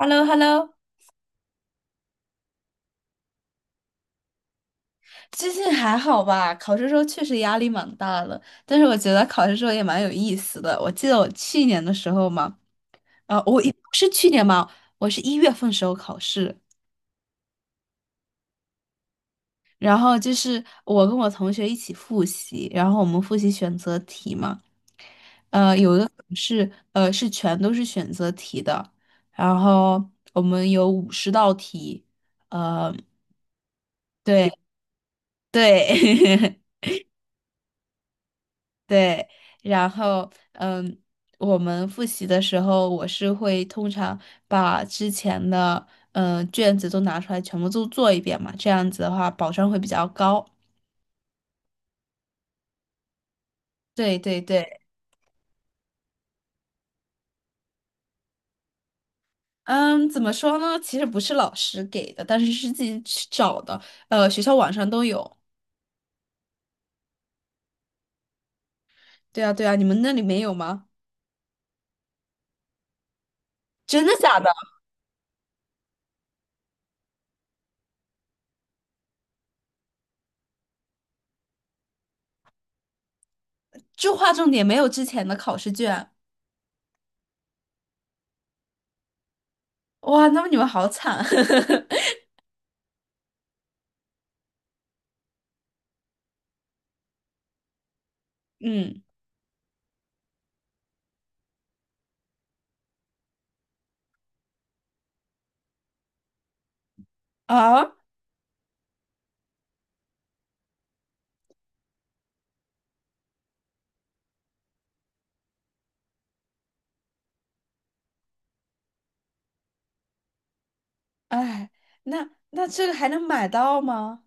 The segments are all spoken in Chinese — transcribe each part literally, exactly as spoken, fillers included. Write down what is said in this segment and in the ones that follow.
h e l l o h e l l o 最近还好吧？考试时候确实压力蛮大的，但是我觉得考试时候也蛮有意思的。我记得我去年的时候嘛，呃，我一是去年嘛，我是一月份时候考试，然后就是我跟我同学一起复习，然后我们复习选择题嘛，呃，有的是呃是全都是选择题的，然后我们有五十道题，呃，对对。对，然后嗯，我们复习的时候，我是会通常把之前的嗯卷子都拿出来，全部都做一遍嘛，这样子的话保障会比较高。对对对，嗯，怎么说呢？其实不是老师给的，但是是自己去找的，呃，学校网上都有。对啊对啊，你们那里没有吗？真的假的？就划重点，没有之前的考试卷。哇，那么你们好惨。嗯啊。哎，那那这个还能买到吗？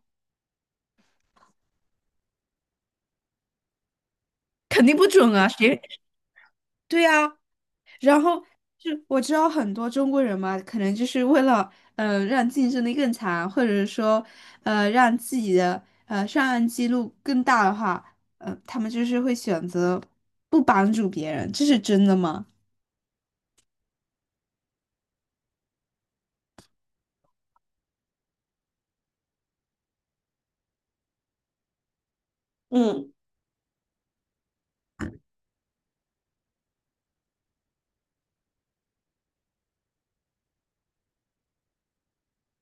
肯定不准啊，谁 对啊，然后就我知道很多中国人嘛，可能就是为了嗯、呃让竞争力更强，或者是说呃让自己的呃上岸记录更大的话，嗯、呃他们就是会选择不帮助别人，这是真的吗？嗯，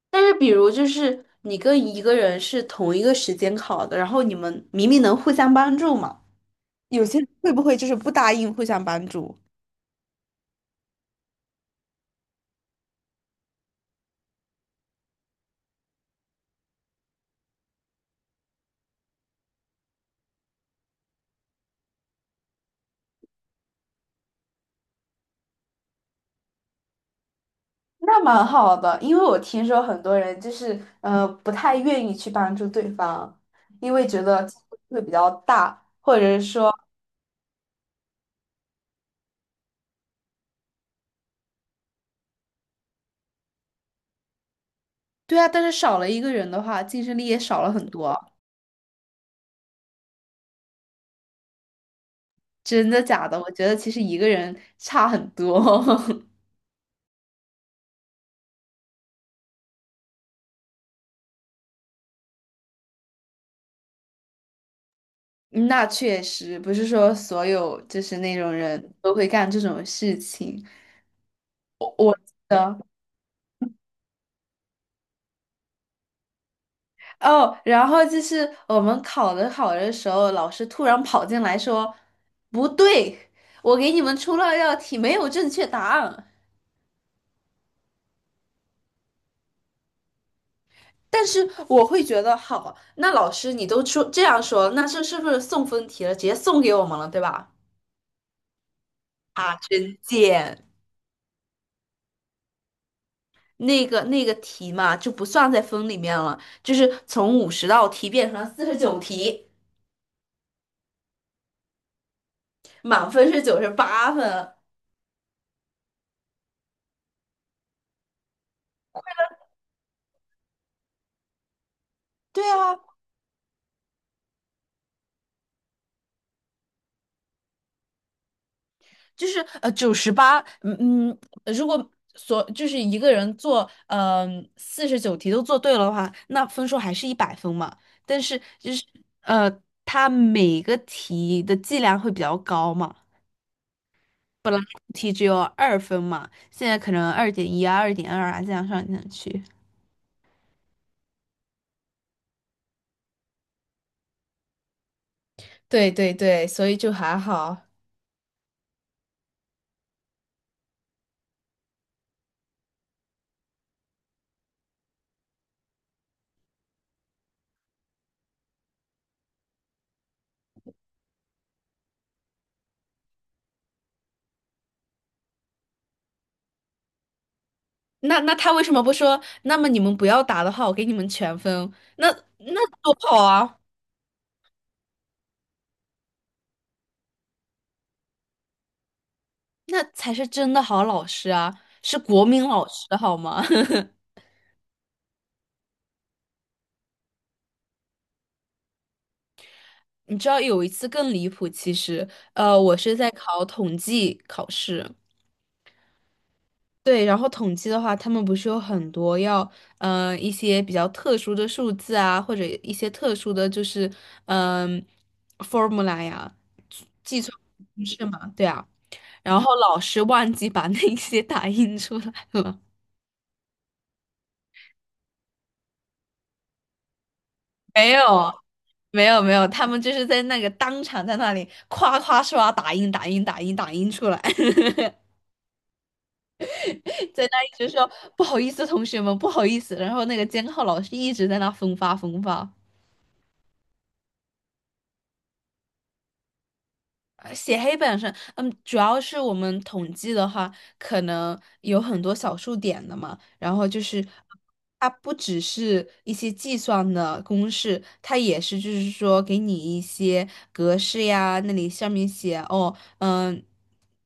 但是比如就是你跟一个人是同一个时间考的，然后你们明明能互相帮助嘛。有些人会不会就是不答应互相帮助？那蛮好的，因为我听说很多人就是呃不太愿意去帮助对方，因为觉得竞争会比较大。对啊，但是少了一个人的话，竞争力也少了很多。真的假的？我觉得其实一个人差很多。那确实不是说所有就是那种人都会干这种事情。我我记得。哦，然后就是我们考的好的时候，老师突然跑进来说：“不对，我给你们出了道题，没有正确答案。”但是我会觉得，好，那老师你都出这样说，那这是不是送分题了？直接送给我们了，对吧？啊，真贱！那个那个题嘛，就不算在分里面了，就是从五十道题变成了四十九题，满分是九十八分。对啊，就是呃九十八，嗯嗯，如果所就是一个人做嗯四十九题都做对了的话，那分数还是一百分嘛。但是就是呃，他每个题的剂量会比较高嘛，题只有二分嘛，现在可能二点一啊、二点二啊这样上上去。对对对，所以就还好。那那他为什么不说？那么你们不要答的话，我给你们全分。那那多好啊！那才是真的好老师啊，是国民老师好吗？你知道有一次更离谱，其实，呃，我是在考统计考试，对，然后统计的话，他们不是有很多要，呃，一些比较特殊的数字啊，或者一些特殊的就是，嗯、formula 呀，计算公式嘛，对啊，然后老师忘记把那些打印出来了，没有。没有没有，他们就是在那个当场在那里夸夸刷打印打印打印打印出来，在那一直说不好意思，同学们不好意思，然后那个监考老师一直在那分发分发。呃写黑板上，嗯，主要是我们统计的话，可能有很多小数点的嘛，然后就是它不只是一些计算的公式，它也是就是说给你一些格式呀，那里上面写哦，嗯，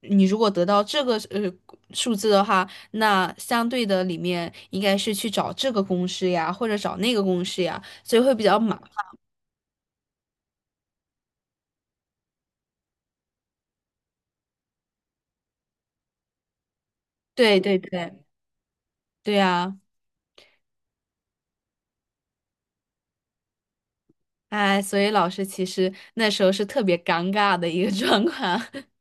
你如果得到这个呃数字的话，那相对的里面应该是去找这个公式呀，或者找那个公式呀，所以会比较麻烦。对对对，对呀。哎，所以老师其实那时候是特别尴尬的一个 状况。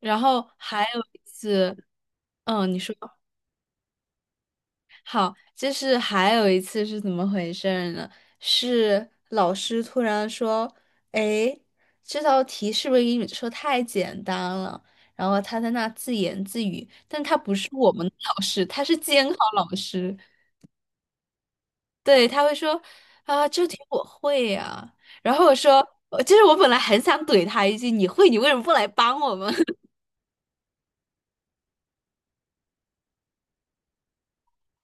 然后还有一次，嗯，你说好，就是还有一次是怎么回事儿呢？是老师突然说：“哎，这道题是不是英语说太简单了？”然后他在那自言自语，但他不是我们的老师，他是监考老师。对，他会说啊，这题我会呀、然后我说，我其实我本来很想怼他一句，你会，你为什么不来帮我们？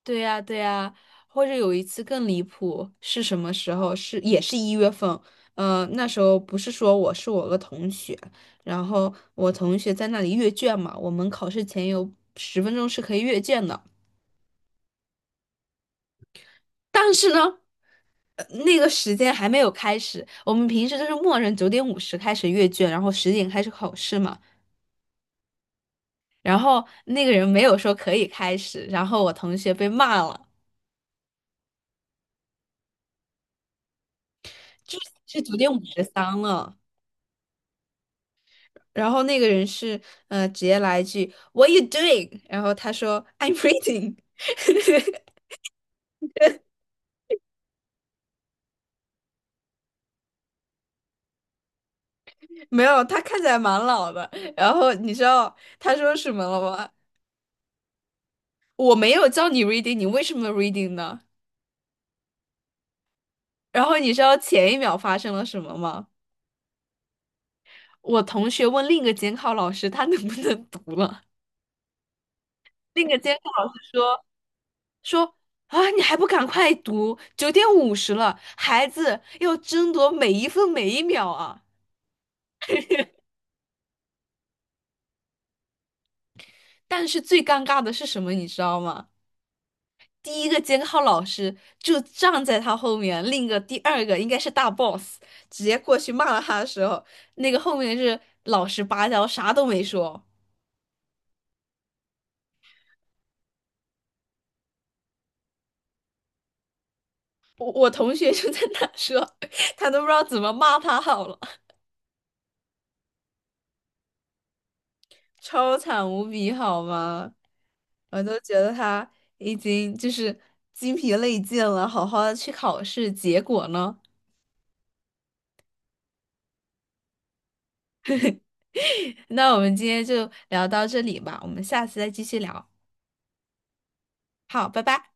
对呀，对呀。或者有一次更离谱，是什么时候？是也是一月份。呃，那时候不是说我是我个同学，然后我同学在那里阅卷嘛，我们考试前有十分钟是可以阅卷的。但是呢，呃那个时间还没有开始，我们平时就是默认九点五十开始阅卷，然后十点开始考试嘛。然后那个人没有说可以开始，然后我同学被骂了，就是九点五十三了。然后那个人是呃直接来一句 "What are you doing？" 然后他说 "I'm reading 没有，他看起来蛮老的。然后你知道他说什么了吗？我没有叫你 reading，你为什么 reading 呢？然后你知道前一秒发生了什么吗？我同学问另一个监考老师他能不能读了，另一个监考老师说。说啊，你还不赶快读，九点五十了，孩子要争夺每一分每一秒啊！但是最尴尬的是什么，你知道吗？第一个监考老师就站在他后面，另一个第二个应该是大 boss，直接过去骂了他的时候，那个后面是老实巴交，啥都没说。我我同学就在那说，他都不知道怎么骂他好了。超惨无比，好吗？我都觉得他已经就是精疲力尽了，好好的去考试，结果呢？那我们今天就聊到这里吧，我们下次再继续聊。好，拜拜。